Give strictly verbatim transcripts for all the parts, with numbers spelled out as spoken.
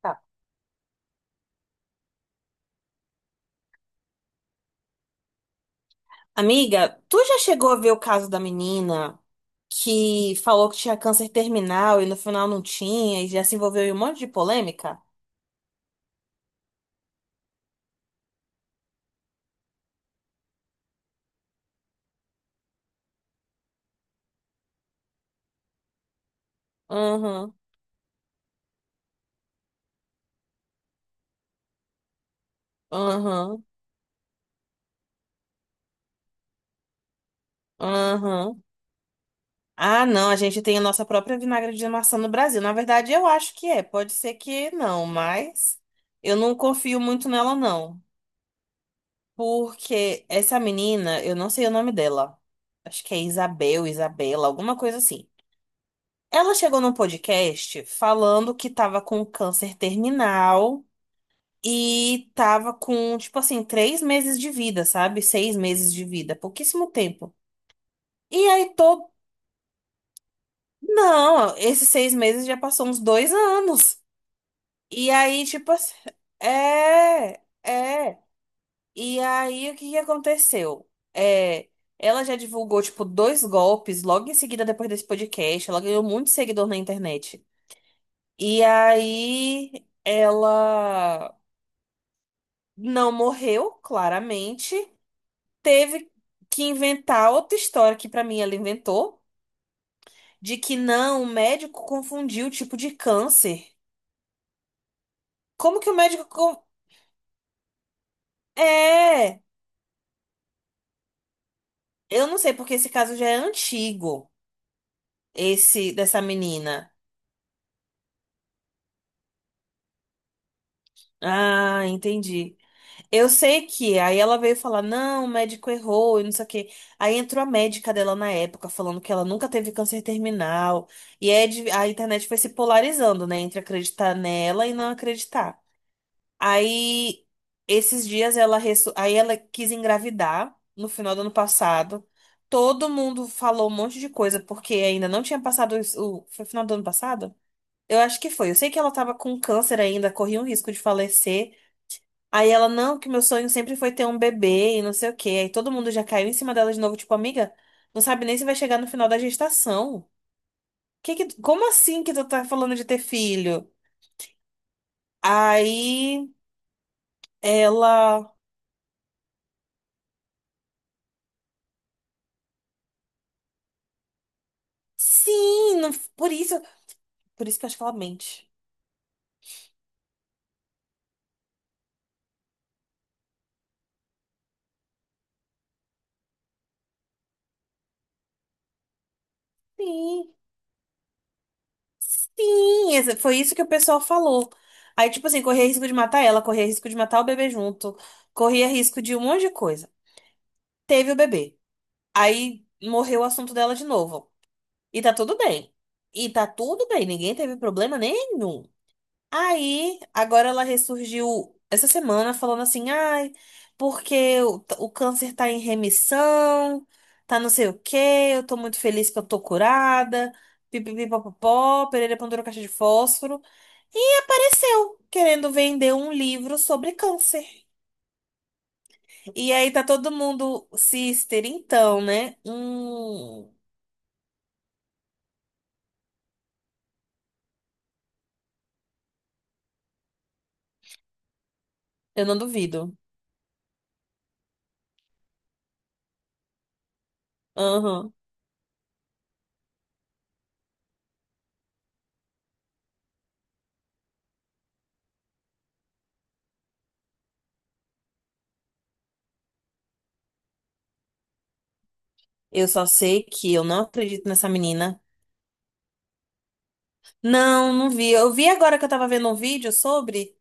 Tá. Amiga, tu já chegou a ver o caso da menina que falou que tinha câncer terminal e no final não tinha e já se envolveu em um monte de polêmica? Uhum, uhum, uhum. Ah, não, a gente tem a nossa própria vinagre de maçã no Brasil. Na verdade, eu acho que é. Pode ser que não, mas eu não confio muito nela, não. Porque essa menina, eu não sei o nome dela. Acho que é Isabel, Isabela, alguma coisa assim. Ela chegou num podcast falando que tava com câncer terminal e tava com, tipo assim, três meses de vida, sabe? Seis meses de vida, pouquíssimo tempo. E aí, todo. Não, esses seis meses já passou uns dois anos. E aí, tipo assim, é, é. E aí, o que que aconteceu? É, ela já divulgou, tipo, dois golpes logo em seguida, depois desse podcast. Ela ganhou muito seguidor na internet. E aí, ela não morreu, claramente. Teve que inventar outra história que, pra mim, ela inventou. De que não, o médico confundiu o tipo de câncer. Como que o médico. con- É. Eu não sei, porque esse caso já é antigo. Esse dessa menina. Ah, entendi. Eu sei que aí ela veio falar, não, o médico errou e não sei o quê. Aí entrou a médica dela na época falando que ela nunca teve câncer terminal. E é de- a internet foi se polarizando, né, entre acreditar nela e não acreditar. Aí esses dias ela resso- aí ela quis engravidar no final do ano passado. Todo mundo falou um monte de coisa porque ainda não tinha passado isso- o foi final do ano passado? Eu acho que foi. Eu sei que ela tava com câncer ainda, corria um risco de falecer. Aí ela, não, que meu sonho sempre foi ter um bebê e não sei o quê. Aí todo mundo já caiu em cima dela de novo, tipo, amiga, não sabe nem se vai chegar no final da gestação. Que que, como assim que tu tá falando de ter filho? Aí ela, sim, não- por isso, por isso que eu acho que ela mente. Sim, sim, esse- foi isso que o pessoal falou. Aí, tipo assim, corria risco de matar ela, corria risco de matar o bebê junto, corria risco de um monte de coisa. Teve o bebê. Aí morreu o assunto dela de novo. E tá tudo bem. E tá tudo bem, ninguém teve problema nenhum. Aí, agora ela ressurgiu essa semana falando assim: ai, porque o, o câncer tá em remissão, tá não sei o quê, eu tô muito feliz que eu tô curada. Pipipipopopó, Pereira pendurou caixa de fósforo e apareceu querendo vender um livro sobre câncer. E aí tá todo mundo, sister, então, né? Hum. Eu não duvido. Aham. Eu só sei que eu não acredito nessa menina. Não, não vi. Eu vi agora que eu tava vendo um vídeo sobre.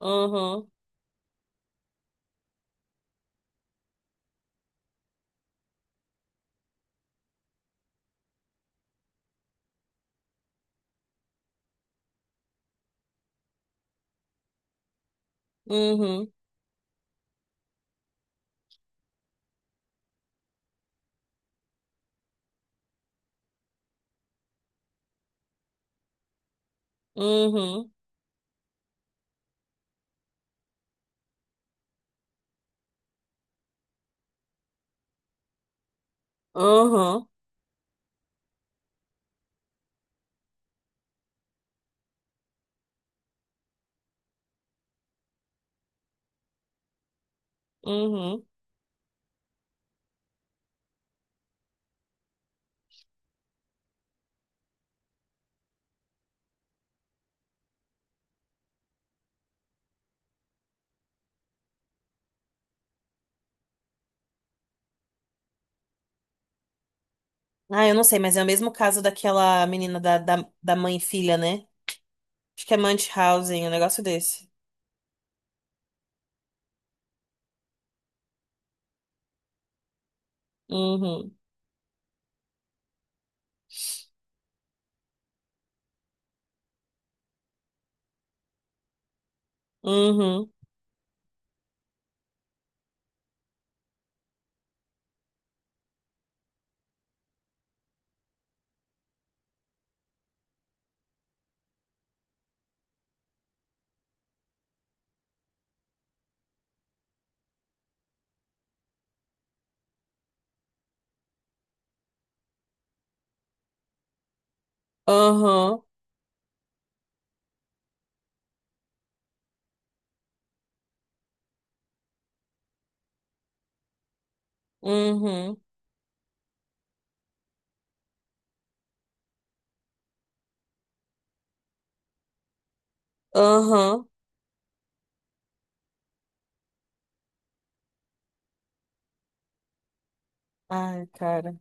Uhum, uhum, uhum, uhum, uhum. Ah, eu não sei, mas é o mesmo caso daquela menina da, da, da mãe e filha, né? Acho que é Munchausen, um negócio desse. Uhum, uhum, uhum, uhum, uhum. Ai, cara.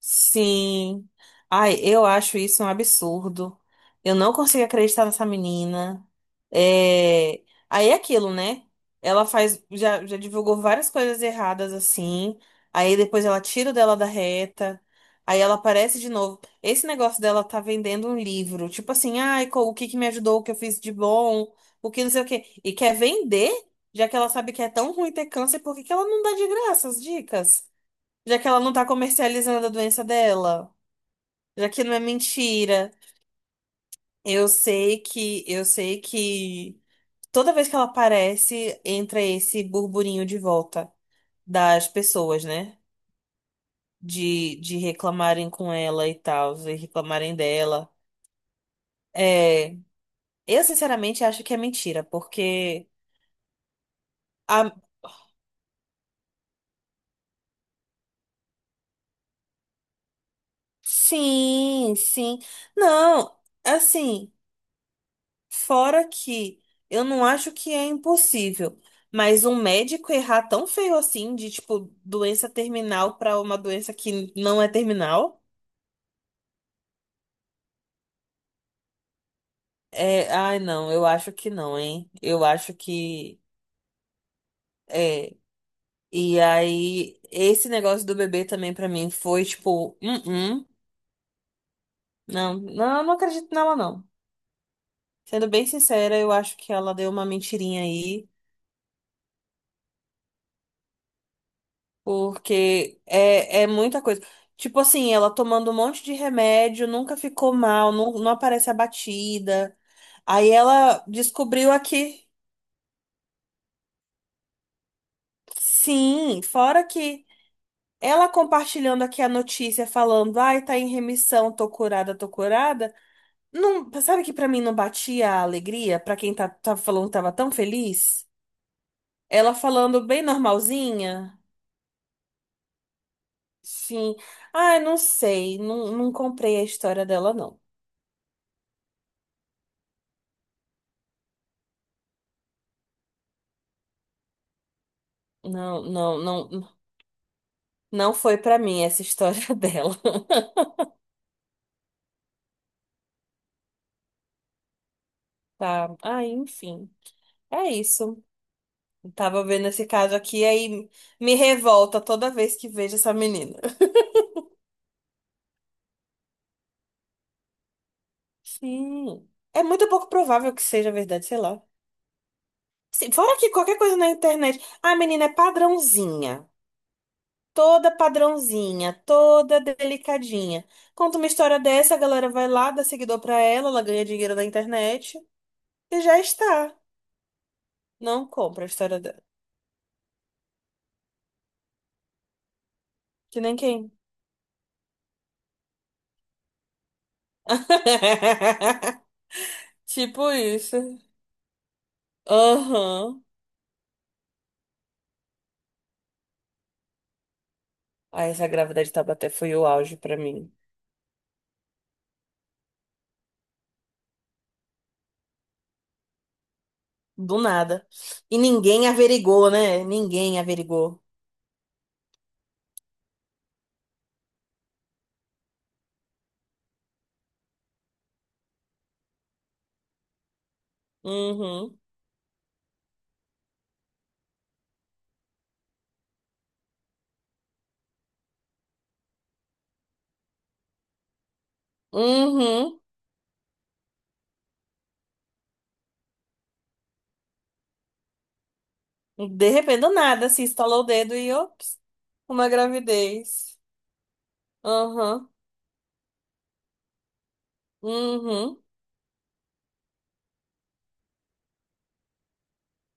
Sim. Ai, eu acho isso um absurdo. Eu não consigo acreditar nessa menina. É... Aí é aquilo, né? Ela faz, já, já divulgou várias coisas erradas assim. Aí depois ela tira o dela da reta. Aí ela aparece de novo. Esse negócio dela tá vendendo um livro. Tipo assim, ai, co- o que que me ajudou, o que eu fiz de bom, o que não sei o quê. E quer vender, já que ela sabe que é tão ruim ter câncer, por que que ela não dá de graça as dicas? Já que ela não tá comercializando a doença dela, já que não é mentira. Eu sei que, eu sei que toda vez que ela aparece, entra esse burburinho de volta das pessoas, né? De, de reclamarem com ela e tal, e reclamarem dela. É, eu sinceramente acho que é mentira, porque a... sim, sim. Não, assim, fora que eu não acho que é impossível, mas um médico errar tão feio assim, de tipo, doença terminal pra uma doença que não é terminal, é. Ai, não, eu acho que não, hein? Eu acho que. É. E aí, esse negócio do bebê também pra mim foi tipo, hum, hum, não, não, eu não acredito nela, não. Sendo bem sincera, eu acho que ela deu uma mentirinha aí. Porque é, é muita coisa. Tipo assim, ela tomando um monte de remédio, nunca ficou mal, não, não aparece abatida. Aí ela descobriu aqui. Sim, fora que ela compartilhando aqui a notícia, falando, ai, tá em remissão, tô curada, tô curada. Não, sabe que pra mim não batia a alegria? Pra quem tá, tá falando que tava tão feliz? Ela falando bem normalzinha. Sim. Ai, não sei, não, não comprei a história dela, não. Não, não, não, não foi pra mim essa história dela, tá? Ah, enfim, é isso. Tava vendo esse caso aqui, aí me revolta toda vez que vejo essa menina. Sim, é muito pouco provável que seja verdade, sei lá. Sim, fora que qualquer coisa na internet, a menina é padrãozinha, toda padrãozinha, toda delicadinha. Conta uma história dessa, a galera vai lá, dá seguidor pra ela, ela ganha dinheiro na internet e já está. Não compra a história dela. Que nem quem. Tipo isso. Aham. Ai, essa gravidez de Taubaté foi o auge pra mim. Do nada. E ninguém averigou, né? Ninguém averigou. Uhum. Uhum. De repente, do nada, se estalou o dedo e, ops, uma gravidez. Aham. Uhum.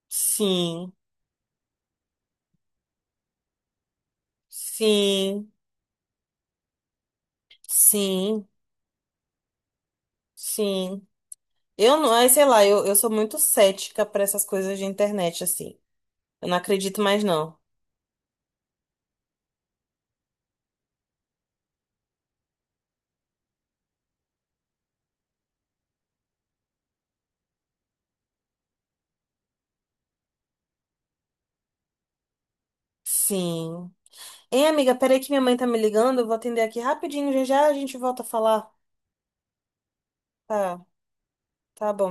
Sim. Sim. Sim. Sim. Eu não, ai, sei lá, eu, eu sou muito cética pra essas coisas de internet, assim. Eu não acredito mais, não. Sim. Hein, amiga, peraí que minha mãe tá me ligando, eu vou atender aqui rapidinho, já já a gente volta a falar. Tá, tá bom.